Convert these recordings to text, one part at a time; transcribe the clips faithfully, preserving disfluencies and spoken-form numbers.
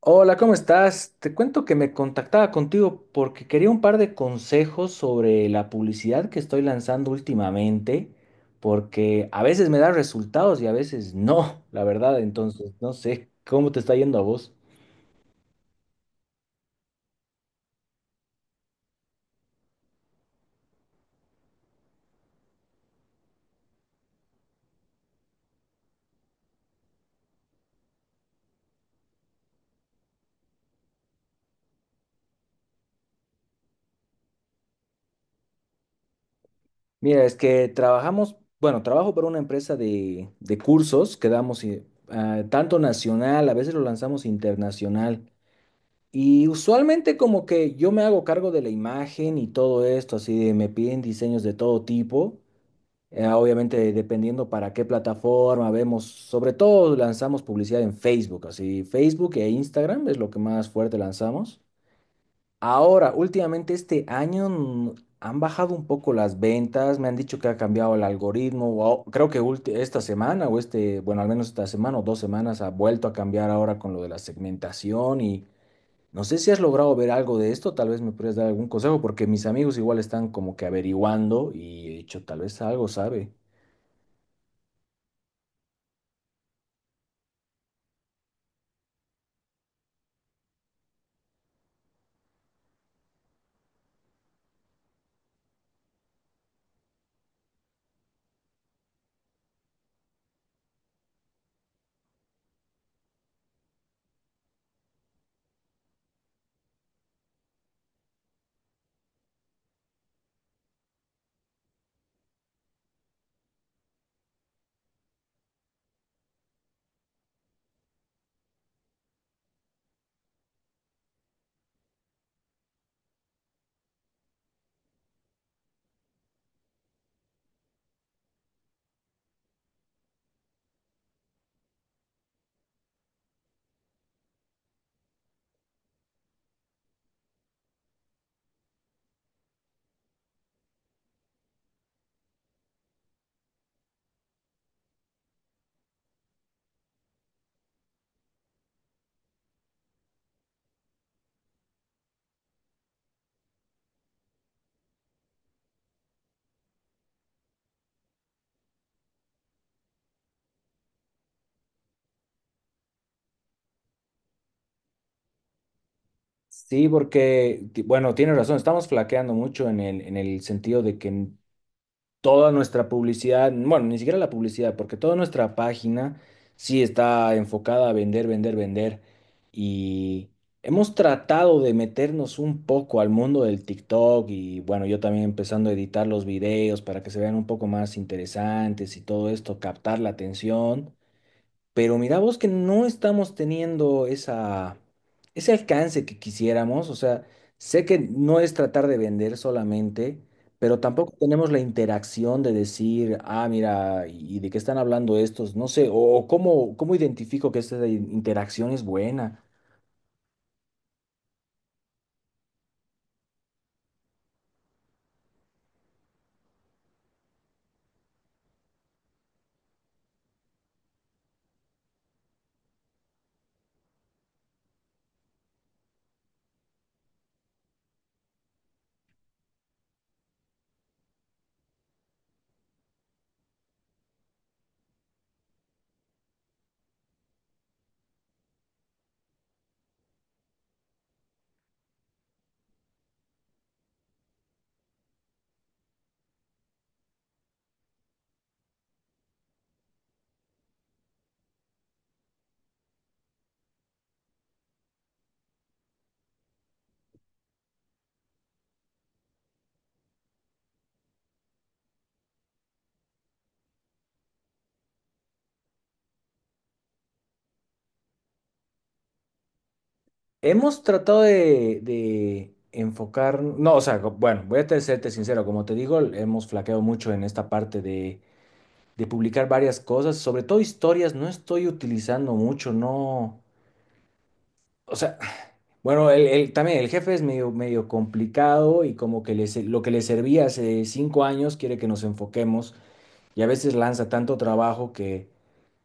Hola, ¿cómo estás? Te cuento que me contactaba contigo porque quería un par de consejos sobre la publicidad que estoy lanzando últimamente, porque a veces me da resultados y a veces no, la verdad. Entonces no sé cómo te está yendo a vos. Mira, es que trabajamos, bueno, trabajo para una empresa de, de cursos que damos, eh, ah, tanto nacional, a veces lo lanzamos internacional. Y usualmente, como que yo me hago cargo de la imagen y todo esto, así de me piden diseños de todo tipo. Eh, obviamente, dependiendo para qué plataforma, vemos, sobre todo, lanzamos publicidad en Facebook. Así Facebook e Instagram es lo que más fuerte lanzamos. Ahora, últimamente este año mm, han bajado un poco las ventas. Me han dicho que ha cambiado el algoritmo, o- creo que ulti- esta semana o este, bueno, al menos esta semana o dos semanas ha vuelto a cambiar ahora con lo de la segmentación, y no sé si has logrado ver algo de esto. Tal vez me podrías dar algún consejo, porque mis amigos igual están como que averiguando, y he dicho, tal vez algo sabe. Sí, porque, ti- bueno, tienes razón, estamos flaqueando mucho en el, en el, sentido de que n- toda nuestra publicidad, bueno, ni siquiera la publicidad, porque toda nuestra página sí está enfocada a vender, vender, vender. Y hemos tratado de meternos un poco al mundo del TikTok, y, bueno, yo también empezando a editar los videos para que se vean un poco más interesantes y todo esto, captar la atención. Pero mira vos que no estamos teniendo esa, ese alcance que quisiéramos. O sea, sé que no es tratar de vender solamente, pero tampoco tenemos la interacción de decir, ah, mira, ¿y de qué están hablando estos? No sé, o, o cómo, cómo identifico que esta in- interacción es buena. Hemos tratado de, de, enfocar, no, o sea, co- bueno, voy a te- serte sincero. Como te digo, hemos flaqueado mucho en esta parte de de publicar varias cosas, sobre todo historias, no estoy utilizando mucho, no. O sea, bueno, el, el- también el jefe es medio, medio complicado, y como que les- lo que le servía hace cinco años quiere que nos enfoquemos. Y a veces lanza tanto trabajo que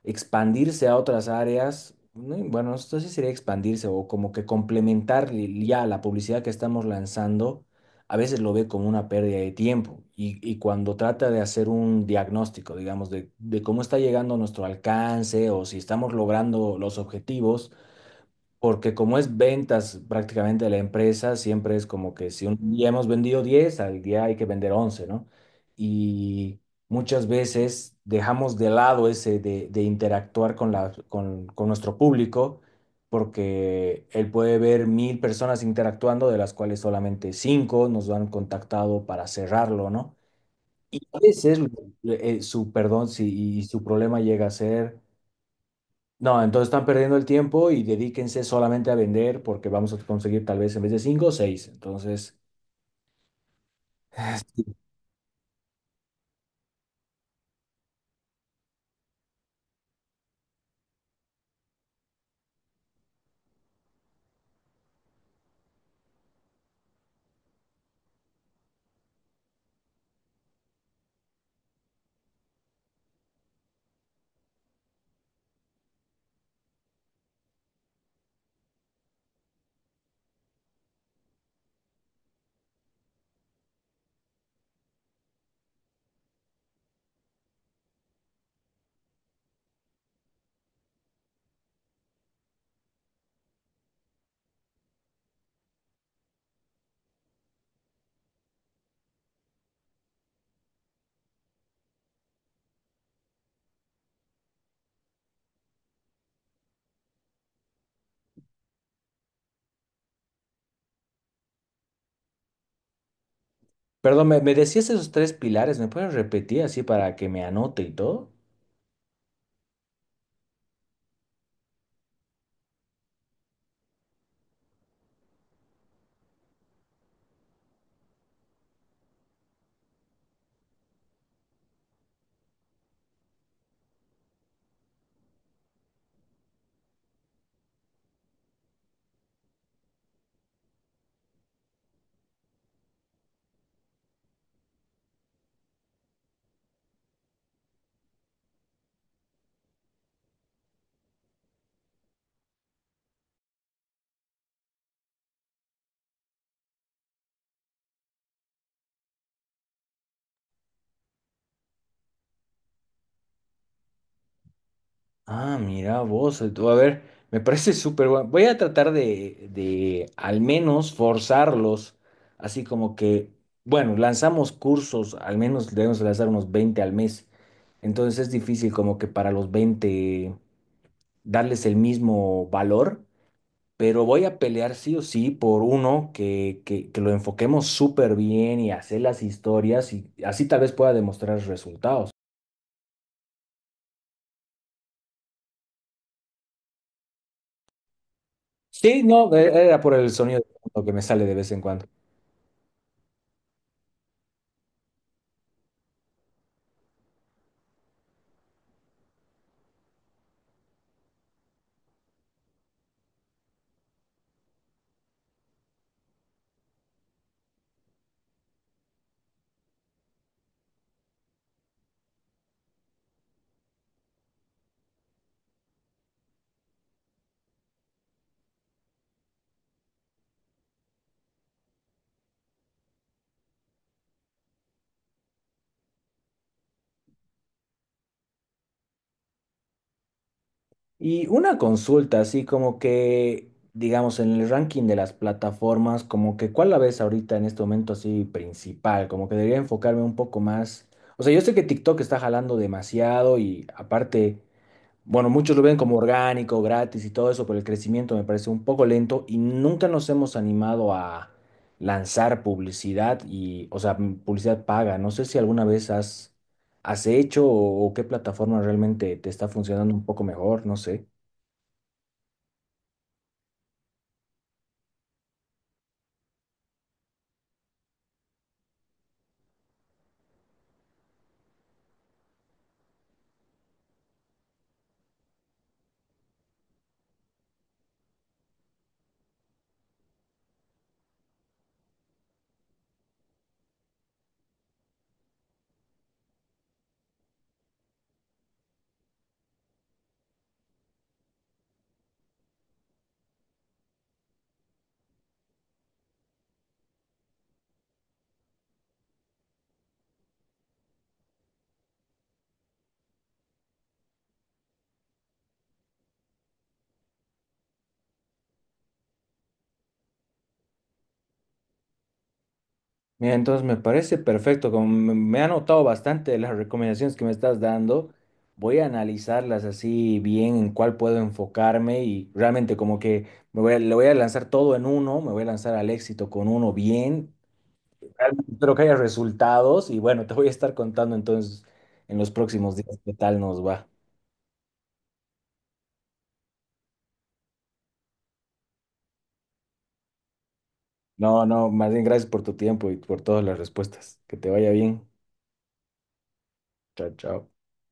expandirse a otras áreas, ¿no? Y bueno, esto sí sería expandirse o como que complementar, li- ya la publicidad que estamos lanzando, a veces lo ve como una pérdida de tiempo. Y, y cuando trata de hacer un diagnóstico, digamos, de, de, cómo está llegando nuestro alcance, o si estamos logrando los objetivos, porque como es ventas prácticamente de la empresa, siempre es como que si un día hemos vendido diez al día hay que vender once, ¿no? Y muchas veces dejamos de lado ese de, de, interactuar con, la, con, con nuestro público, porque él puede ver mil personas interactuando, de las cuales solamente cinco nos han contactado para cerrarlo, ¿no? Y a veces, eh, su, perdón, si, y su problema llega a ser, no, entonces están perdiendo el tiempo y dedíquense solamente a vender, porque vamos a conseguir tal vez, en vez de cinco, seis. Entonces, sí. Perdón, ¿me, me decías esos tres pilares? ¿Me puedes repetir así para que me anote y todo? Ah, mira vos, eh, tú, a ver, me parece súper bueno. Voy a tratar de, de al menos forzarlos, así como que, bueno, lanzamos cursos, al menos debemos lanzar unos veinte al mes. Entonces es difícil como que para los veinte darles el mismo valor. Pero voy a pelear sí o sí por uno que, que, que lo enfoquemos súper bien y hacer las historias, y así tal vez pueda demostrar resultados. Sí, no, e- e, era por el sonido de fondo que me sale de vez en cuando. Y una consulta, así como que, digamos, en el ranking de las plataformas, como que, ¿cuál la ves ahorita en este momento así principal? Como que debería enfocarme un poco más. O sea, yo sé que TikTok está jalando demasiado, y aparte, bueno, muchos lo ven como orgánico, gratis y todo eso, pero el crecimiento me parece un poco lento y nunca nos hemos animado a lanzar publicidad, y, o sea, m- publicidad paga. No sé si alguna vez has, has hecho, o, o qué plataforma realmente te está funcionando un poco mejor, no sé. Mira, entonces me parece perfecto. Como me me ha notado bastante las recomendaciones que me estás dando, voy a analizarlas así bien en cuál puedo enfocarme, y realmente como que me voy a- le voy a lanzar todo en uno, me voy a lanzar al éxito con uno bien. Realmente espero que haya resultados y, bueno, te voy a estar contando entonces en los próximos días qué tal nos va. No, no, más bien gracias por tu tiempo y por todas las respuestas. Que te vaya bien. Chao, chao.